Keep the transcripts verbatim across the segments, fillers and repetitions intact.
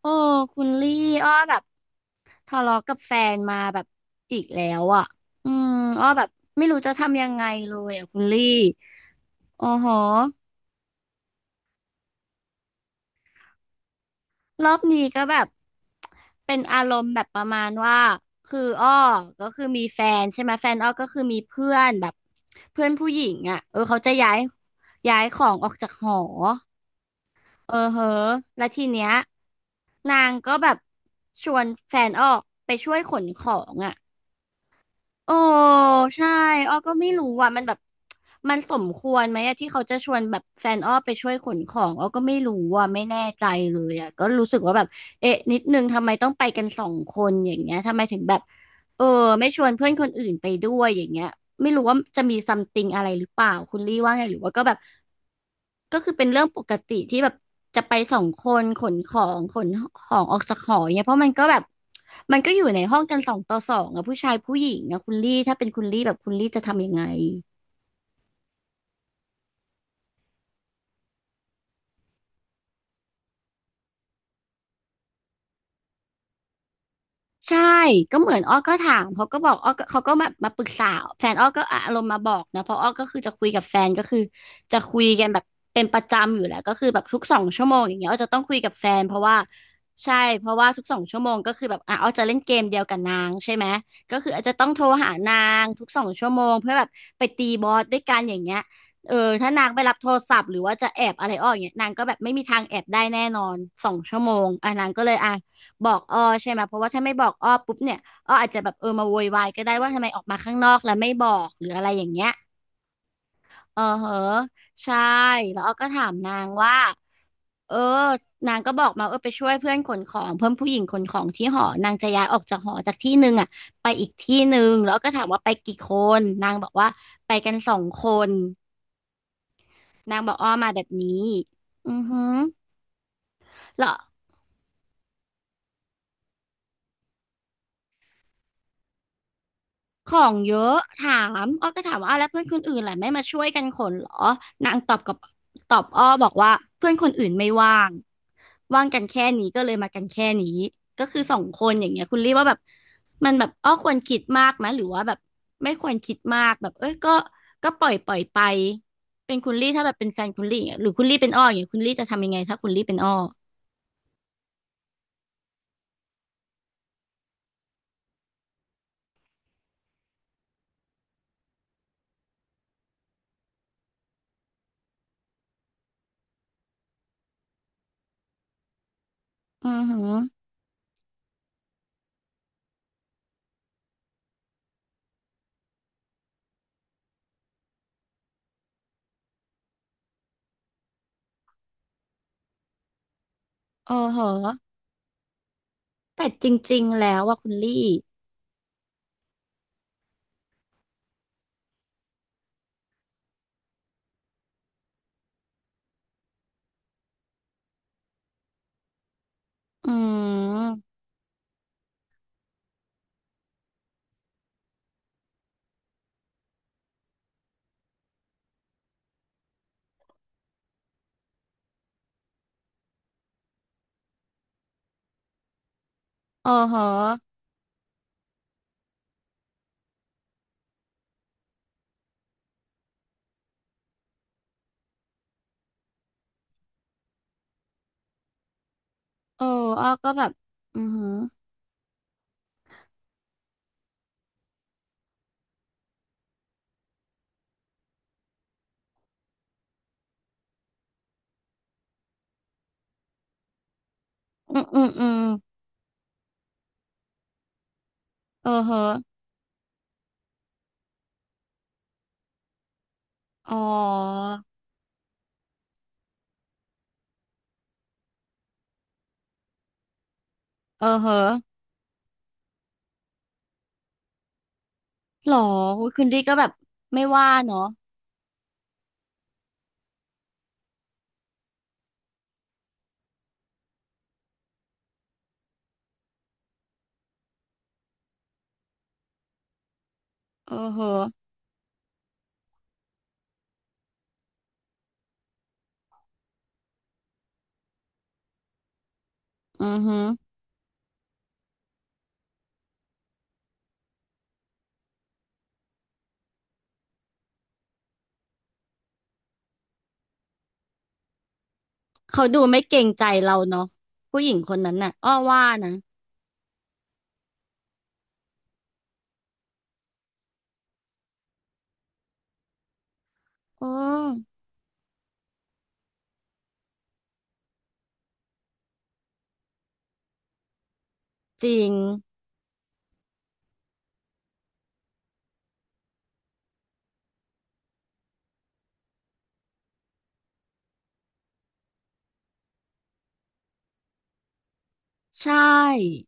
โอ้คุณลี่อ้อแบบทะเลาะกับแฟนมาแบบอีกแล้วอ่ะอืมอ้อแบบไม่รู้จะทำยังไงเลยอ่ะคุณลี่โอ้โหรอบนี้ก็แบบเป็นอารมณ์แบบประมาณว่าคืออ้อก็คือมีแฟนใช่ไหมแฟนอ้อก็คือมีเพื่อนแบบเพื่อนผู้หญิงอ่ะเออเขาจะย้ายย้ายของออกจากหอเออเหอะแล้วทีเนี้ยนางก็แบบชวนแฟนออกไปช่วยขนของอ่ะ โอ้ใช่อ้อก็ไม่รู้ว่ามันแบบมันสมควรไหมอะที่เขาจะชวนแบบแฟนอ้อไปช่วยขนของอ้อก็ไม่รู้ว่าไม่แน่ใจเลยอะก็รู้สึกว่าแบบเอ๊ะนิดนึงทำไมต้องไปกันสองคนอย่างเงี้ยทำไมถึงแบบ เออไม่ชวนเพื่อนคนอื่นไปด้วยอย่างเงี้ยไม่รู้ว่าจะมีซัมติงอะไรหรือเปล่าคุณลี่ว่าไงหรือว่าก็แบบก็คือเป็นเรื่องปกติที่แบบจะไปสองคนขนของขนของออกจากหอเนี่ยเพราะมันก็แบบมันก็อยู่ในห้องกันสองต่อสองอะผู้ชายผู้หญิงอะคุณลี่ถ้าเป็นคุณลี่แบบคุณลี่จะทำยังไง ใช่ก็เหมือนอ้อก็ถามเขาก็บอกอ้อก็เขาก็มามาปรึกษาแฟนอ้อก็อารมณ์มาบอกนะเพราะอ้อก็คือจะคุยกับแฟนก็คือจะคุยกันแบบเป็นประจำอยู่แล้วก็คือแบบทุกสองชั่วโมงอย่างเงี้ยอ้อจะต้องคุยกับแฟนเพราะว่าใช่เพราะว่าทุกสองชั่วโมงก็คือแบบอ่ะอ้อจะเล่นเกมเดียวกับนางใช่ไหมก็คืออาจจะต้องโทรหานางทุกสองชั่วโมงเพื่อแบบไปตีบอสด้วยกันอย่างเงี้ยเออถ้านางไปรับโทรศัพท์หรือว่าจะแอบอะไรอ้ออย่างเงี้ยนางก็แบบไม่มีทางแอบได้แน่นอนสองชั่วโมงอ่ะนางก็เลยอ่ะ บอกอ้อใช่ไหมเพราะว่าถ้าไม่บอกอ้อปุ๊บเนี่ยอ้ออาจจะแบบเออมาโวยวายก็ได้ว่าทำไมออกมาข้างนอกแล้วไม่บอกหรืออะไรอย่างเงี้ยเออเหอะใช่แล้วอ้อก็ถามนางว่าเออนางก็บอกมาเออไปช่วยเพื่อนขนของเพื่อนผู้หญิงขนของที่หอนางจะย้ายออกจากหอจากที่หนึ่งอ่ะไปอีกที่หนึ่งแล้วอ้อก็ถามว่าไปกี่คนนางบอกว่าไปกันสองคนนางบอกอ้อมาแบบนี้อือหือแล้ว ของเยอะถามอ้อก็ถามว่าอ้าวแล้วเพื่อนคนอื่นแหละไม่มาช่วยกันขนเหรอนางตอบกับตอบอ้อบอกว่าเพื่อนคนอื่นไม่ว่างว่างกันแค่นี้ก็เลยมากันแค่นี้ก็คือสองคนอย่างเงี้ยคุณรีว่าแบบมันแบบอ้อควรคิดมากไหมหรือว่าแบบไม่ควรคิดมากแบบเอ้ยก็ก็ปล่อยปล่อยไปเป็นคุณลี่ถ้าแบบเป็นแฟนคุณลี่อย่างเงี้ยหรือคุณลี่เป็นอ้ออย่างเงี้ยคุณลี่จะทำยังไงถ้าคุณลี่เป็นอ้ออือหืออ๋อเหรอแต่จริงๆแล้วว่าคุณลี่อืมอ๋อเหรอ เอออ้อก็แบบอือหืออืมอืมอืมเออเหอะอ๋อเออเหอะหรออุ๊ยคุณดีก็แบบไม่ว่าเนาะเออเหอะอือหือเขาดูไม่เกรงใจเราเนาะผู้หญิงคนนั้นน่ะอ้อว่านะเออจริง ใช่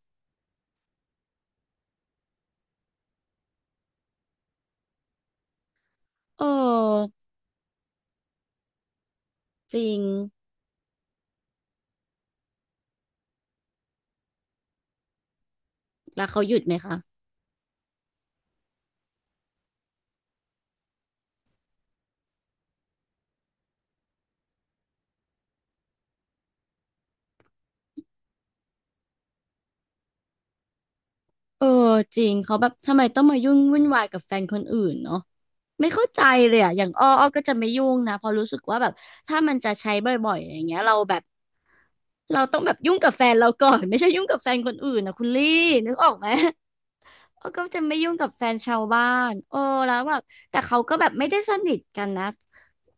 เออจริง แล้วเขาหยุดไหมคะ เออจริงเขาแบบทำไมต้องมายุ่งวุ่นวายกับแฟนคนอื่นเนาะไม่เข้าใจเลยอะอย่างอ้ออ้อก็จะไม่ยุ่งนะเพอราะรู้สึกว่าแบบถ้ามันจะใช้บ่อยๆอย่างเงี้ยเราแบบเราต้องแบบยุ่งกับแฟนเราก่อนไม่ใช่ยุ่งกับแฟนคนอื่นนะคุณลี่นึกออกไหม เออก็จะไม่ยุ่งกับแฟนชาวบ้านเออแล้วแบบแต่เขาก็แบบไม่ได้สนิทกันนะ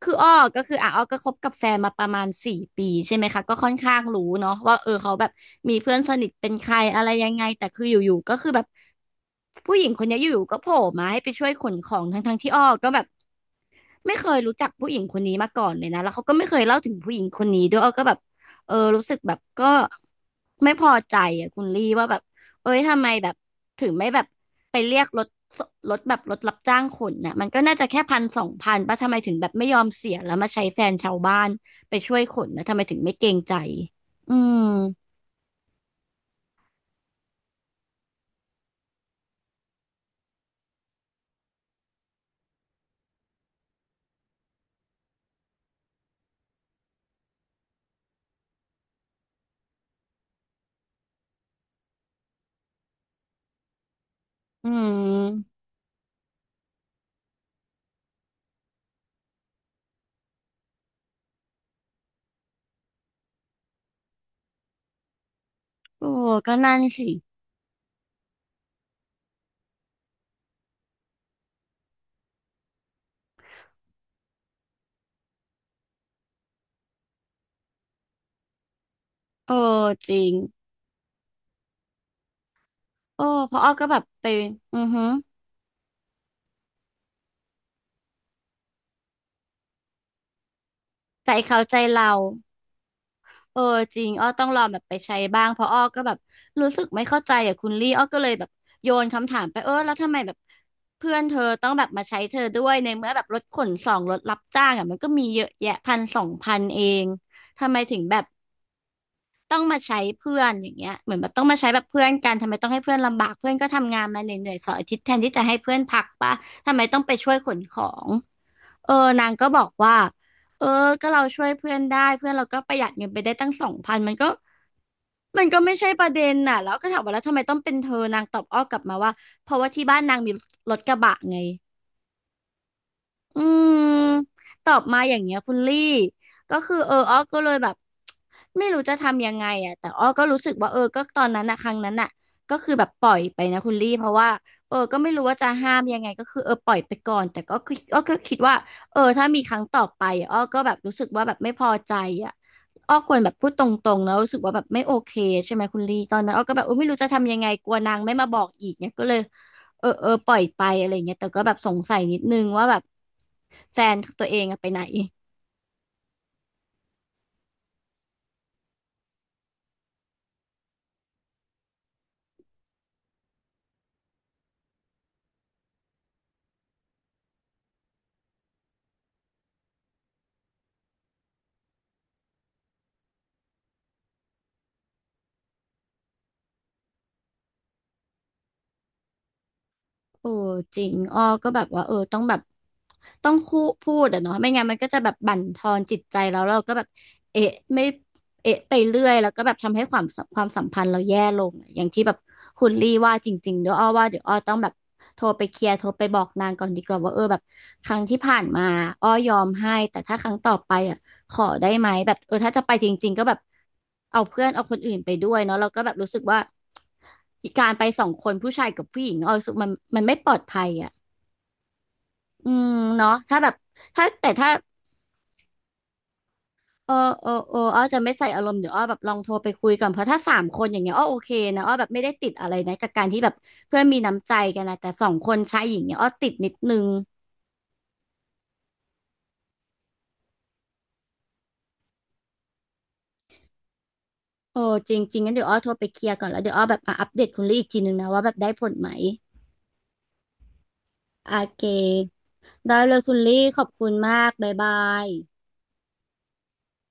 คืออ้อก็คืออ่ะอ้อก็คบกับแฟนมาประมาณสี่ปีใช่ไหมคะก็ค่อนข้างรู้เนาะว่าเออเขาแบบมีเพื่อนสนิทเป็นใครอะไรยังไงแต่คืออยู่ๆก็คือแบบผู้หญิงคนนี้อยู่ๆก็โผล่มาให้ไปช่วยขนของทั้งๆที่อ้อก็แบบไม่เคยรู้จักผู้หญิงคนนี้มาก่อนเลยนะแล้วเขาก็ไม่เคยเล่าถึงผู้หญิงคนนี้ด้วยอ้อก็แบบเออรู้สึกแบบก็ไม่พอใจอ่ะคุณลี่ว่าแบบ เอ้ยทำไมแบบถึงไม่แบบไปเรียกรถรถแบบรถรับจ้างขนน่ะมันก็น่าจะแค่พันสองพันป่ะทำไมถึงแบบไม่ยอมเสียแล้วมาใช้แฟนชาวบ้านไปช่วยขนนะทำไมถึงไม่เกรงใจอืมอืมโอ้ก็นั่นสิเออจริงโอ้เพราะอ้อก็แบบไปอือฮึแต่ไอ้เขาใจเรา เออจริงอ้อต้องลองแบบไปใช้บ้างเพราะอ้อก็แบบรู้สึกไม่เข้าใจอ่ะคุณลี่อ้อก็เลยแบบโยนคำถามไปเออแล้วทำไมแบบเพื่อนเธอต้องแบบมาใช้เธอด้วยในเมื่อแบบรถขนส่งรถรับจ้างอ่ะมันก็มีเยอะแยะพันสองพันเองทำไมถึงแบบ ต้องมาใช้เพื่อนอย่างเงี้ยเหมือนแบบต้องมาใช้แบบเพื่อนกันทำไมต้องให้เพื่อนลำบากเพื่อนก็ทำงานมาเหนื่อยๆเสาร์อาทิตย์แทนที่จะให้เพื่อนพักปะทำไมต้องไปช่วยขนของเออนางก็บอกว่าเออก็เราช่วยเพื่อนได้เพื่อนเราก็ประหยัดเงินไปได้ตั้งสองพันมันก็มันก็ไม่ใช่ประเด็นน่ะแล้วก็ถามว่าแล้วทำไมต้องเป็นเธอนางตอบอ้อกลับมาว่าเพราะว่าที่บ้านนางมีรถกระบะไง อืมตอบมาอย่างเงี้ยคุณลี่ก็คือเอออ้อก็เลยแบบไม่รู้จะทำยังไงอ่ะแต่อ้อก็รู้สึกว่าเออก็ตอนนั้นอะครั้งนั้นอะก็คือแบบปล่อยไปนะคุณลี่เพราะว่าเออก็ไม่รู้ว่าจะห้ามยังไงก็คือเออปล่อยไปก่อนแต่ก็คืออ้อก็คิดว่าเออถ้ามีครั้งต่อไปอะอ้อก็แบบรู้สึกว่าแบบไม่พอใจอ่ะอ้อควรแบบพูดตรงๆแล้วรู้สึกว่าแบบไม่โอเคใช่ไหมคุณลี่ตอนนั้นอ้อก็แบบเออไม่รู้จะทำยังไงกลัวนางไม่มาบอกอีกเนี่ยก็เลย เออเออปล่อยไปอะไรเงี้ยแต่ก็แบบสงสัยนิดนึงว่าแบบแฟนตัวเองอะไปไหนโอ้จริงอ้อก็แบบว่าเออต้องแบบต้องคู่พูดอะเนาะไม่งั้นมันก็จะแบบบั่นทอนจิตใจแล้วเราก็แบบเอะไม่เอะไปเรื่อยแล้วก็แบบทำให้ความสัมความสัมพันธ์เราแย่ลงอะอย่างที่แบบคุณลี่ว่าจริงๆเดี๋ยวอ้อว่าเดี๋ยวอ้อต้องแบบโทรไปเคลียร์โทรไปบอกนางก่อนดีกว่าว่าเออแบบครั้งที่ผ่านมาอ้อยอมให้แต่ถ้าครั้งต่อไปอะ ขอได้ไหมแบบเออถ้าจะไปจริงๆก็แบบเอาเพื่อนเอาคนอื่นไปด้วยเนาะเราก็แบบรู้สึกว่าการไปสองคนผู้ชายกับผู้หญิงเอารู้สึกมันมันไม่ปลอดภัยอ่ะอืมเนาะถ้าแบบถ้าแต่ถ้าเออเออเอออ้อจะไม่ใส่อารมณ์เดี๋ยวอ้อแบบลองโทรไปคุยก่อนเพราะถ้าสามคนอย่างเงี้ยอ้อโอเคนะอ้อแบบไม่ได้ติดอะไรนะกับการที่แบบเพื่อนมีน้ำใจกันนะแต่สองคนชายหญิงเนี่ยอ้อติดนิดนึงโอ้จริงจริงงั้นเดี๋ยวอ้อโทรไปเคลียร์ก่อนแล้วเดี๋ยวอ้อแบบมาอัปเดตคุณลี่อีกทีนึงนะว่าแบบได้ผลไหม โอเคได้เลยคุณลี่ ขอบคุณมากบ๊ายบาย